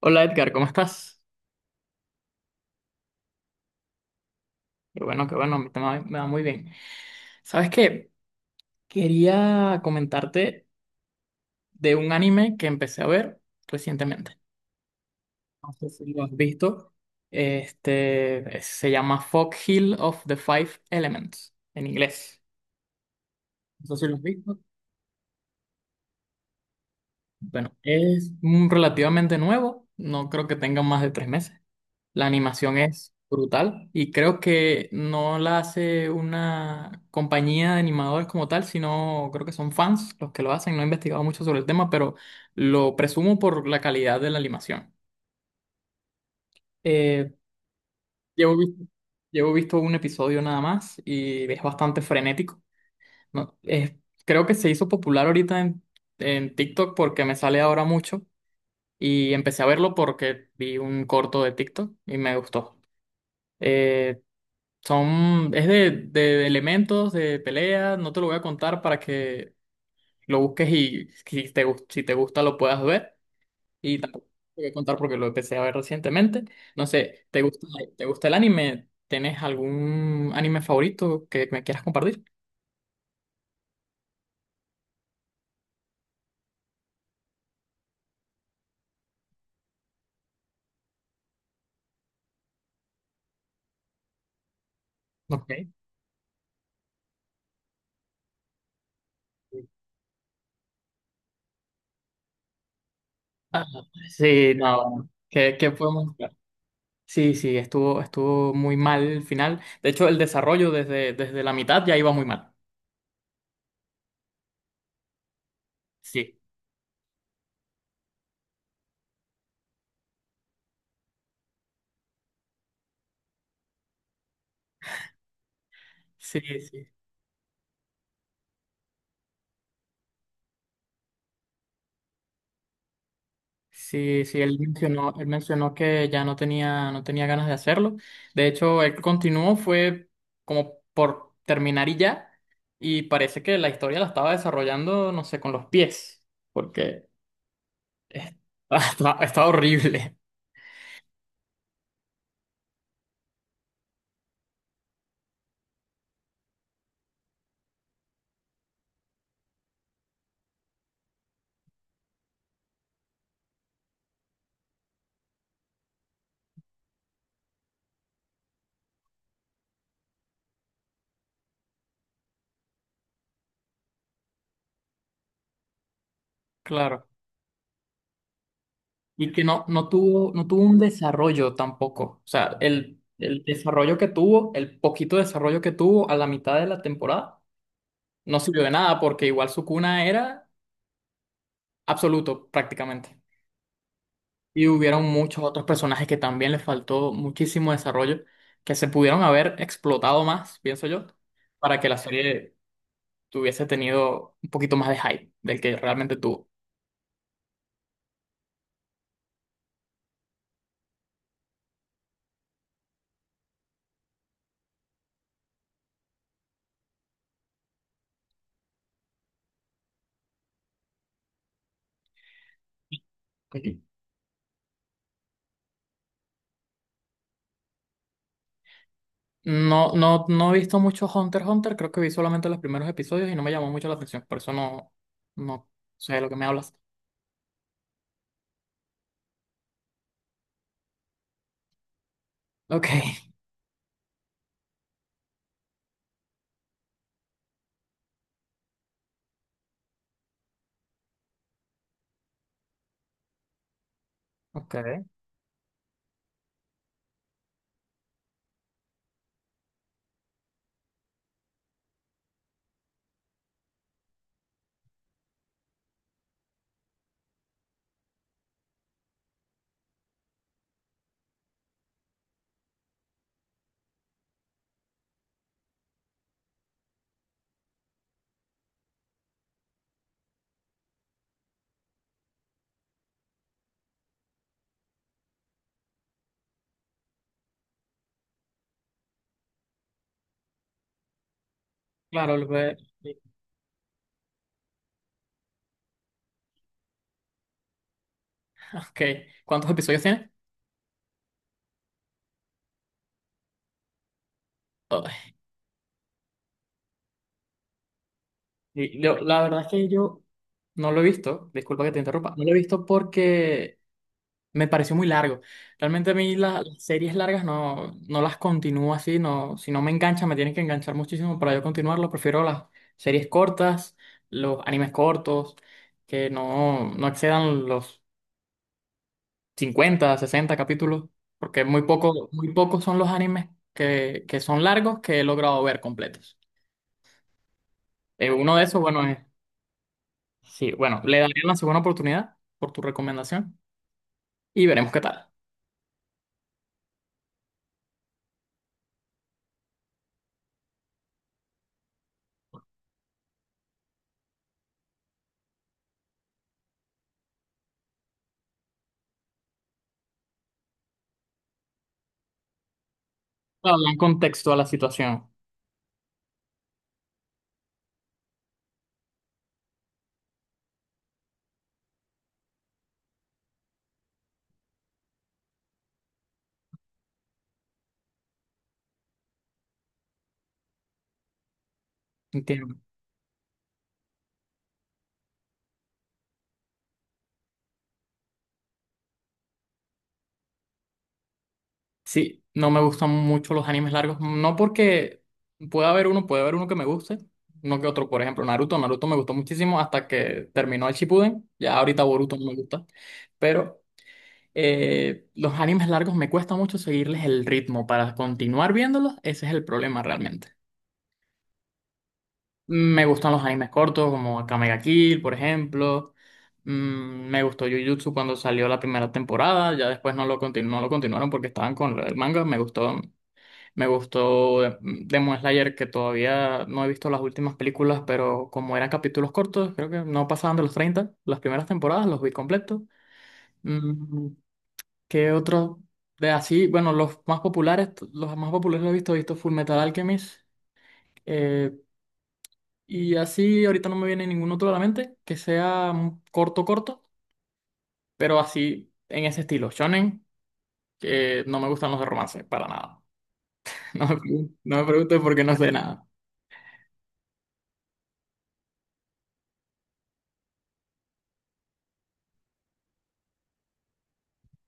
Hola Edgar, ¿cómo estás? Qué bueno, a mí también me va muy bien. ¿Sabes qué? Quería comentarte de un anime que empecé a ver recientemente. No sé si lo has visto. Este se llama Fog Hill of the Five Elements en inglés. No sé si lo has visto. Bueno, es relativamente nuevo. No creo que tenga más de tres meses. La animación es brutal y creo que no la hace una compañía de animadores como tal, sino creo que son fans los que lo hacen. No he investigado mucho sobre el tema, pero lo presumo por la calidad de la animación. Eh, llevo visto, llevo visto un episodio nada más y es bastante frenético. No, es- Creo que se hizo popular ahorita en TikTok porque me sale ahora mucho y empecé a verlo porque vi un corto de TikTok y me gustó. Eh, es de elementos, de pelea. No te lo voy a contar para que lo busques, y si si te gusta lo puedas ver. Y tampoco te voy a contar porque lo empecé a ver recientemente. No sé, ¿te te gusta el anime? ¿Tienes algún anime favorito que me quieras compartir? Ok. Ah, sí, no, bueno, ¿qué podemos buscar? Sí, sí, estuvo muy mal el final. De hecho, el desarrollo desde la mitad ya iba muy mal. Sí, sí, sí. Sí, sí, él mencionó que ya no tenía ganas de hacerlo. De hecho, él continuó, fue como por terminar y ya. Y parece que la historia la estaba desarrollando, no sé, con los pies, porque es- está, está horrible, claro. Y que no tuvo, no tuvo un desarrollo tampoco. O sea, el desarrollo que tuvo, el poquito desarrollo que tuvo a la mitad de la temporada, no sirvió de nada, porque igual su cuna era absoluto prácticamente. Y hubieron muchos otros personajes que también les faltó muchísimo desarrollo, que se pudieron haber explotado más, pienso yo, para que la serie tuviese tenido un poquito más de hype del que realmente tuvo. Ujú. No, no, no he visto mucho Hunter x Hunter. Creo que vi solamente los primeros episodios y no me llamó mucho la atención, por eso no sé de lo que me hablas. Ok, ok. Claro, ok. ¿Cuántos episodios tiene? Ay, la verdad es que yo no lo he visto, disculpa que te interrumpa. No lo he visto porque me pareció muy largo. Realmente a mí la- Sí. Las series largas no, no las continúo así. No, si no me engancha, me tienen que enganchar muchísimo para yo continuarlo. Prefiero las series cortas, los animes cortos, que no, no excedan los 50 60 capítulos, porque muy poco, muy pocos son los animes que son largos que he logrado ver completos. Uno de esos, bueno, sí, bueno, le daré una segunda oportunidad por tu recomendación y veremos qué tal. Para hablar en contexto a la situación. Entiendo. Sí, no me gustan mucho los animes largos. No porque puede haber uno que me guste, no que otro. Por ejemplo, Naruto. Naruto me gustó muchísimo hasta que terminó el Shippuden. Ya ahorita Boruto no me gusta. Pero los animes largos me cuesta mucho seguirles el ritmo para continuar viéndolos. Ese es el problema realmente. Me gustan los animes cortos, como Akame ga Kill, por ejemplo. Me gustó Jujutsu cuando salió la primera temporada. Ya después no lo continuaron porque estaban con el manga. Me gustó Demon Slayer, que todavía no he visto las últimas películas, pero como eran capítulos cortos, creo que no pasaban de los treinta. Las primeras temporadas los vi completos. Mm, ¿Qué otro de así? Bueno, los más populares, los más populares los he visto Full Metal Alchemist. eh, y así ahorita no me viene ningún otro a la mente que sea un corto, corto, pero así en ese estilo. Shonen, que no me gustan los de romance, para nada. No me preguntes porque no sé nada.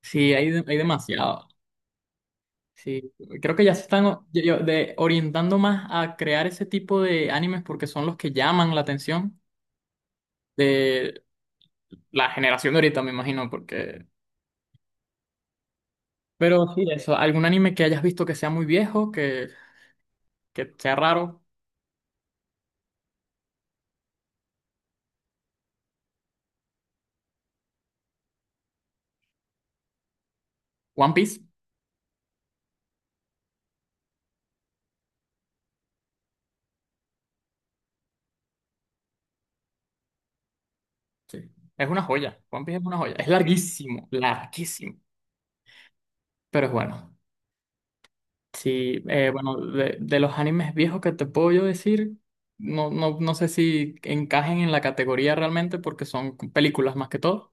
Sí, hay demasiado. Sí, creo que ya se están orientando más a crear ese tipo de animes porque son los que llaman la atención de la generación de ahorita, me imagino, porque... Pero sí, eso, algún anime que hayas visto que sea muy viejo, que sea raro. One Piece, sí, es una joya. One Piece es una joya. Es larguísimo, larguísimo, pero es bueno. Sí, bueno, de los animes viejos que te puedo yo decir, no, no, no sé si encajen en la categoría realmente porque son películas más que todo.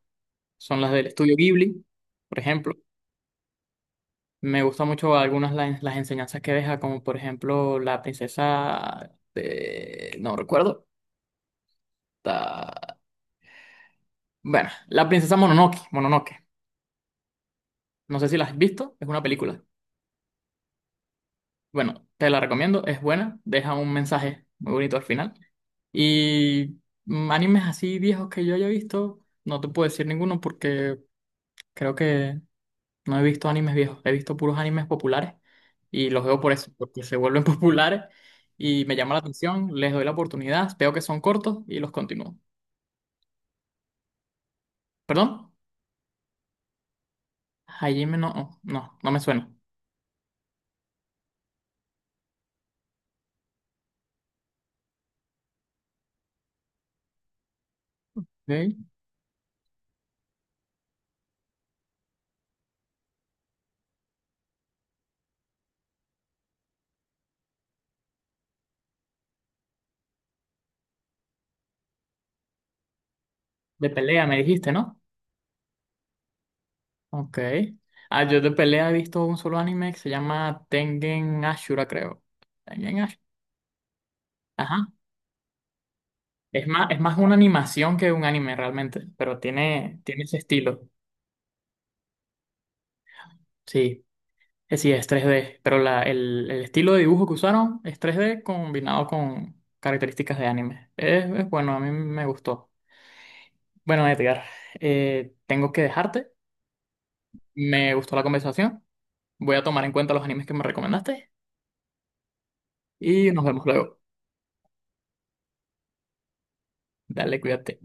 Son las del estudio Ghibli, por ejemplo. Me gusta mucho algunas las enseñanzas que deja, como por ejemplo la princesa de... no recuerdo. ta- Bueno, la princesa Mononoke, Mononoke. No sé si la has visto, es una película. Bueno, te la recomiendo, es buena, deja un mensaje muy bonito al final. Y animes así viejos que yo haya visto, no te puedo decir ninguno porque creo que no he visto animes viejos. He visto puros animes populares y los veo por eso, porque se vuelven populares y me llama la atención, les doy la oportunidad, veo que son cortos y los continúo. ¿Perdón? Hajime no, no, no me suena. Ok. De pelea me dijiste, ¿no? Ok. Ah, yo de pelea he visto un solo anime que se llama Tengen Ashura, creo. Tengen Ashura. Ajá. Es más una animación que un anime realmente, pero tiene, tiene ese estilo. Sí. Sí, es 3D, pero el estilo de dibujo que usaron es 3D combinado con características de anime. Es bueno, a mí me gustó. Bueno, Edgar, tengo que dejarte. Me gustó la conversación. Voy a tomar en cuenta los animes que me recomendaste y nos vemos luego. Dale, cuídate.